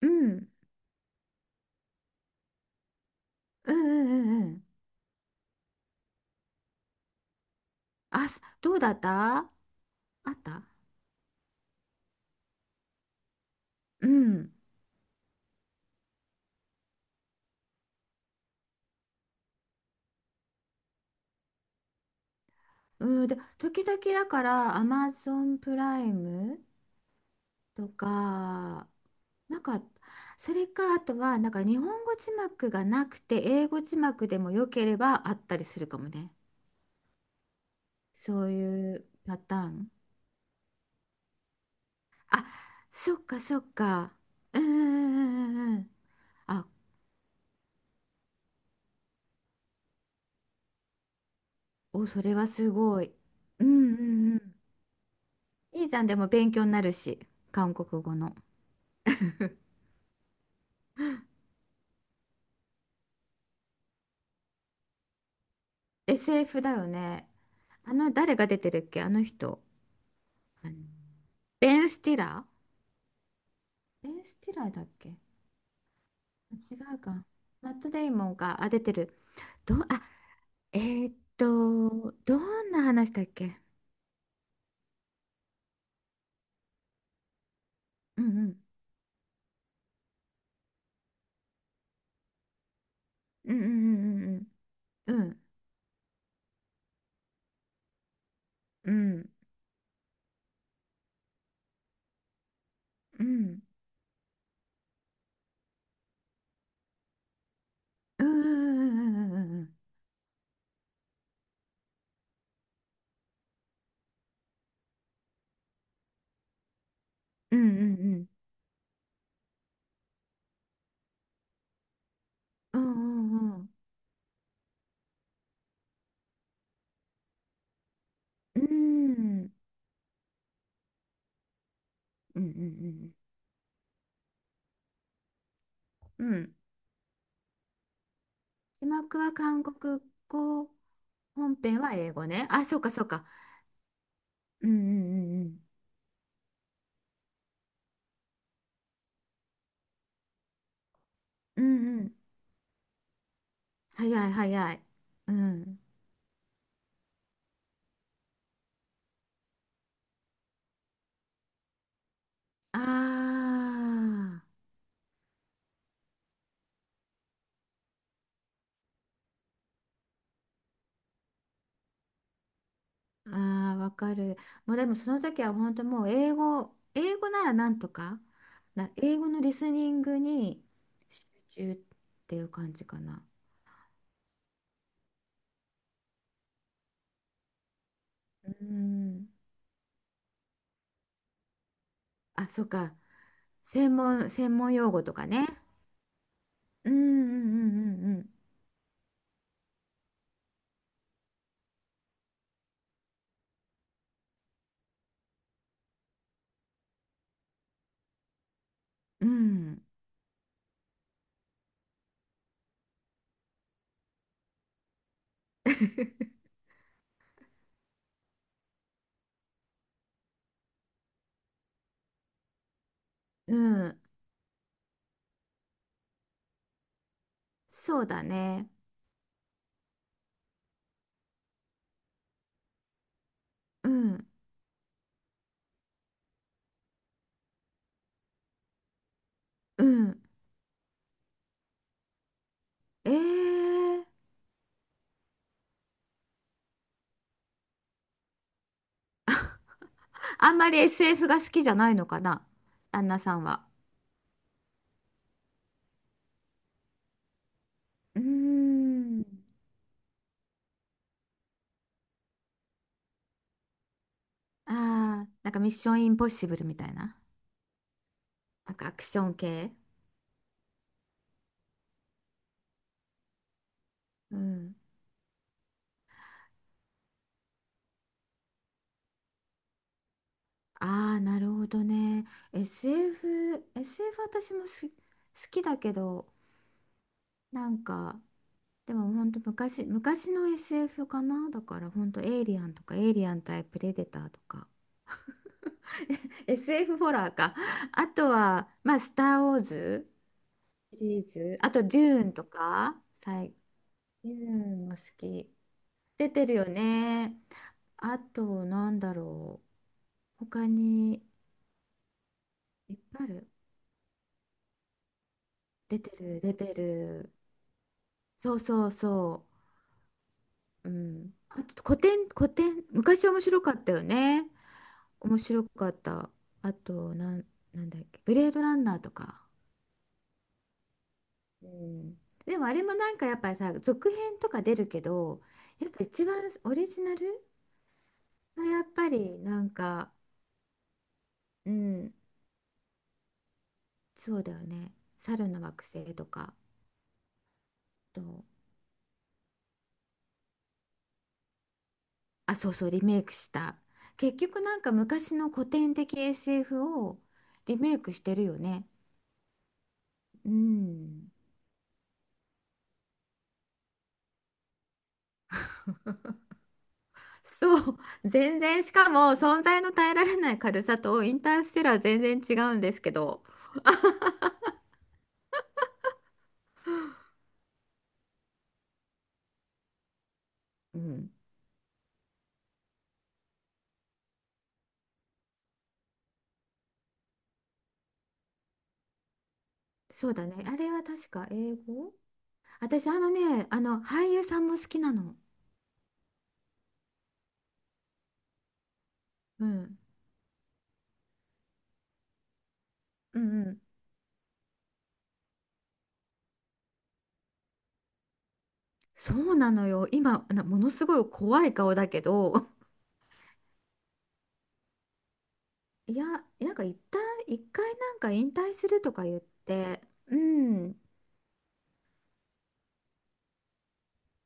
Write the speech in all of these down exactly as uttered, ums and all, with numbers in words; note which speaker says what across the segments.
Speaker 1: うん、うんうんうんうん。あ、すどうだった？あった？うん。うん、で、時々だから、アマゾンプライムとか、なんか、それか、あとは、なんか日本語字幕がなくて、英語字幕でも良ければあったりするかもね。そういうパターン。あ、そっかそっか。うんうんうんうんうん。あ、お、それはすごい。うんうんうん。いいじゃん、でも勉強になるし、韓国語の。エスエフ だよね。あの、誰が出てるっけ、あの人？ベン・スティラーベン・スティラーだっけ？違うか。マット・デイモンが、あ、出てる。どう、あ、えっと、どんな話だっけ？うんうん。うんうんうんうんうん。うんうんうんうんうんうんうんうんうんうんうんうんうんうんうんうんうんうんうんうんうん。 字幕は韓国語、本編は英語ね。あ、そうかそうか。うんうんうんうん。うんうん。早い早い。うん。ああ、ああ、わかる。もうでもその時は本当もう英語、英語ならなんとか、な、英語のリスニングに集中っていう感じかな。うん。あ、そっか。専門、専門用語とかね。うんうんうんうんうん。うん。うん、そうだね。うん、うん。えーあんまり エスエフ が好きじゃないのかな、旦那さんは。うーん。ああ、なんかミッションインポッシブルみたいな。なんかアクション系。うん。ああ、なるほどね。エスエフ、エスエフ 私もす好きだけど、なんか、でもほんと昔、昔の エスエフ かな。だからほんとエイリアンとか、エイリアン対プレデターとか。エスエフ ホラーか。あとは、まあ、スター・ウォーズシリーズ。あと、デューンとか、さいうん、お好き。出てるよね。あと、なんだろう。他に、いっぱいある。出てる、出てる。そうそうそう。うん。あと、古典、古典。昔面白かったよね。面白かった。あと、なん、なんだっけ。ブレードランナーとか。うん。でも、あれもなんかやっぱりさ、続編とか出るけど、やっぱ一番オリジナルはやっぱりなんか、うん、そうだよね。猿の惑星とか。と、あ、そうそう、リメイクした。結局なんか昔の古典的 エスエフ をリメイクしてるよね。うん。そう。全然、しかも存在の耐えられない軽さとインターステラー全然違うんですけど。うん。そうだね。あれは確か英語。私、あのね、あの、俳優さんも好きなの。うん。うんうん。そうなのよ。今、なものすごい怖い顔だけど、いや、なんか一旦、一回なんか引退するとか言って、うん、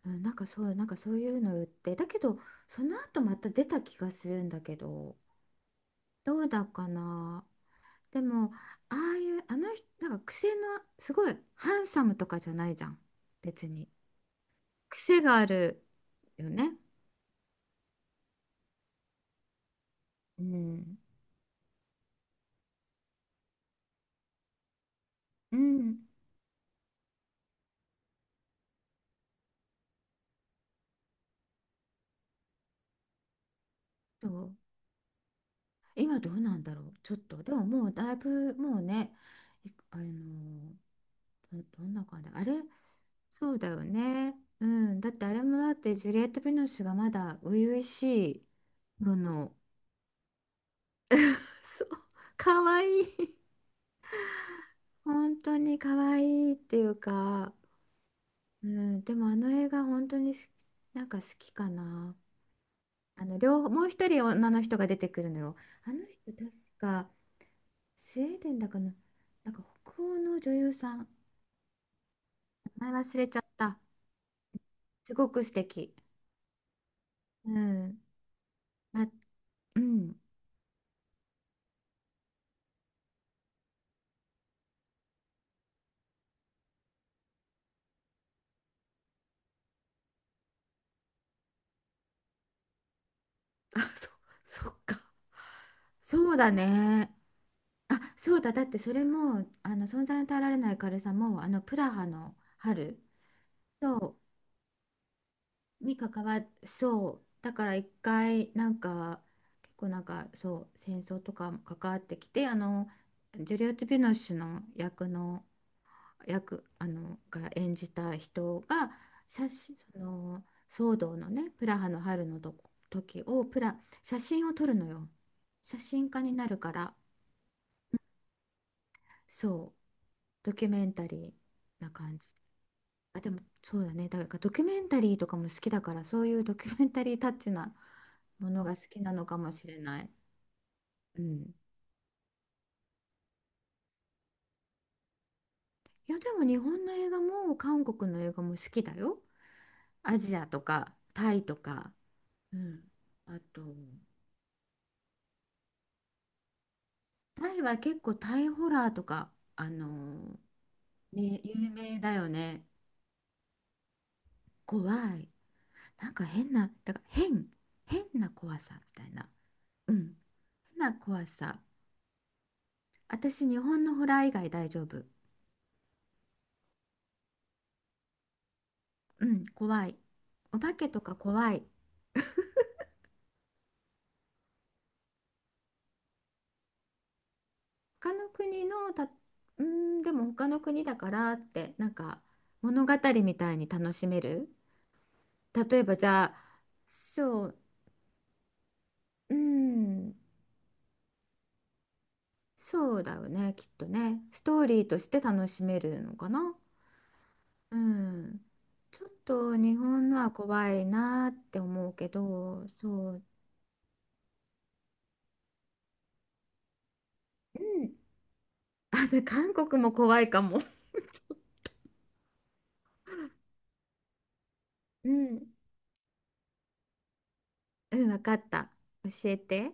Speaker 1: うんなんかそう、なんかそういうの言って、だけど、その後また出た気がするんだけど、どうだかな。でも、ああいう、あの人、なんか癖の、すごい、ハンサムとかじゃないじゃん、別に。癖があるよね。うん。うん。どう今どうなんだろう、ちょっと。でももうだいぶ、もうね、いあの、ど、どんな感じ？あれ？そうだよね。うん。だってあれもだってジュリエット・ヴィノスがまだ初々しい頃の。 そう、かわいい。本当に可愛いいっていうか、うん、でもあの映画本当にすなんか好きかな。あの両方、もう一人女の人が出てくるのよ。あの人確かスウェーデンだかの、なんか北欧の女優さん。名前忘れちゃった。すごく素敵。うん。ま、うん。あ、そ、そっか。そうだね。あ、そうだ。だってそれも、あの、存在に耐えられない軽さも、あの、プラハの春、そう、に関わっ、そう。だから一回、なんか、結構なんか、そう、戦争とかも関わってきて、あの、ジュリオット・ヴィノッシュの役の、役、あの、が演じた人が、写真、その、騒動のね、プラハの春のとこ時を、プラ、写真を撮るのよ。写真家になるから。そう、ドキュメンタリーな感じ。あ、でもそうだね。だからドキュメンタリーとかも好きだから、そういうドキュメンタリータッチなものが好きなのかもしれない。うん。いや、でも日本の映画も韓国の映画も好きだよ。アジアとかタイとか。うん。あと、タイは結構タイホラーとか、あのーね、有名だよね。怖い。なんか変な、だから変、変な怖さみたいな。うん。変な怖さ。私、日本のホラー以外大丈夫。うん、怖い。お化けとか怖い。他の国のた、うん、でも他の国だからって、なんか物語みたいに楽しめる。例えばじゃあ、そう、うん、そうだよね、きっとね。ストーリーとして楽しめるのかな。うん。ちょっと日本のは怖いなって思うけど、そう、うん。あ、で韓国も怖いかも。うん。うん、わかった。教えて。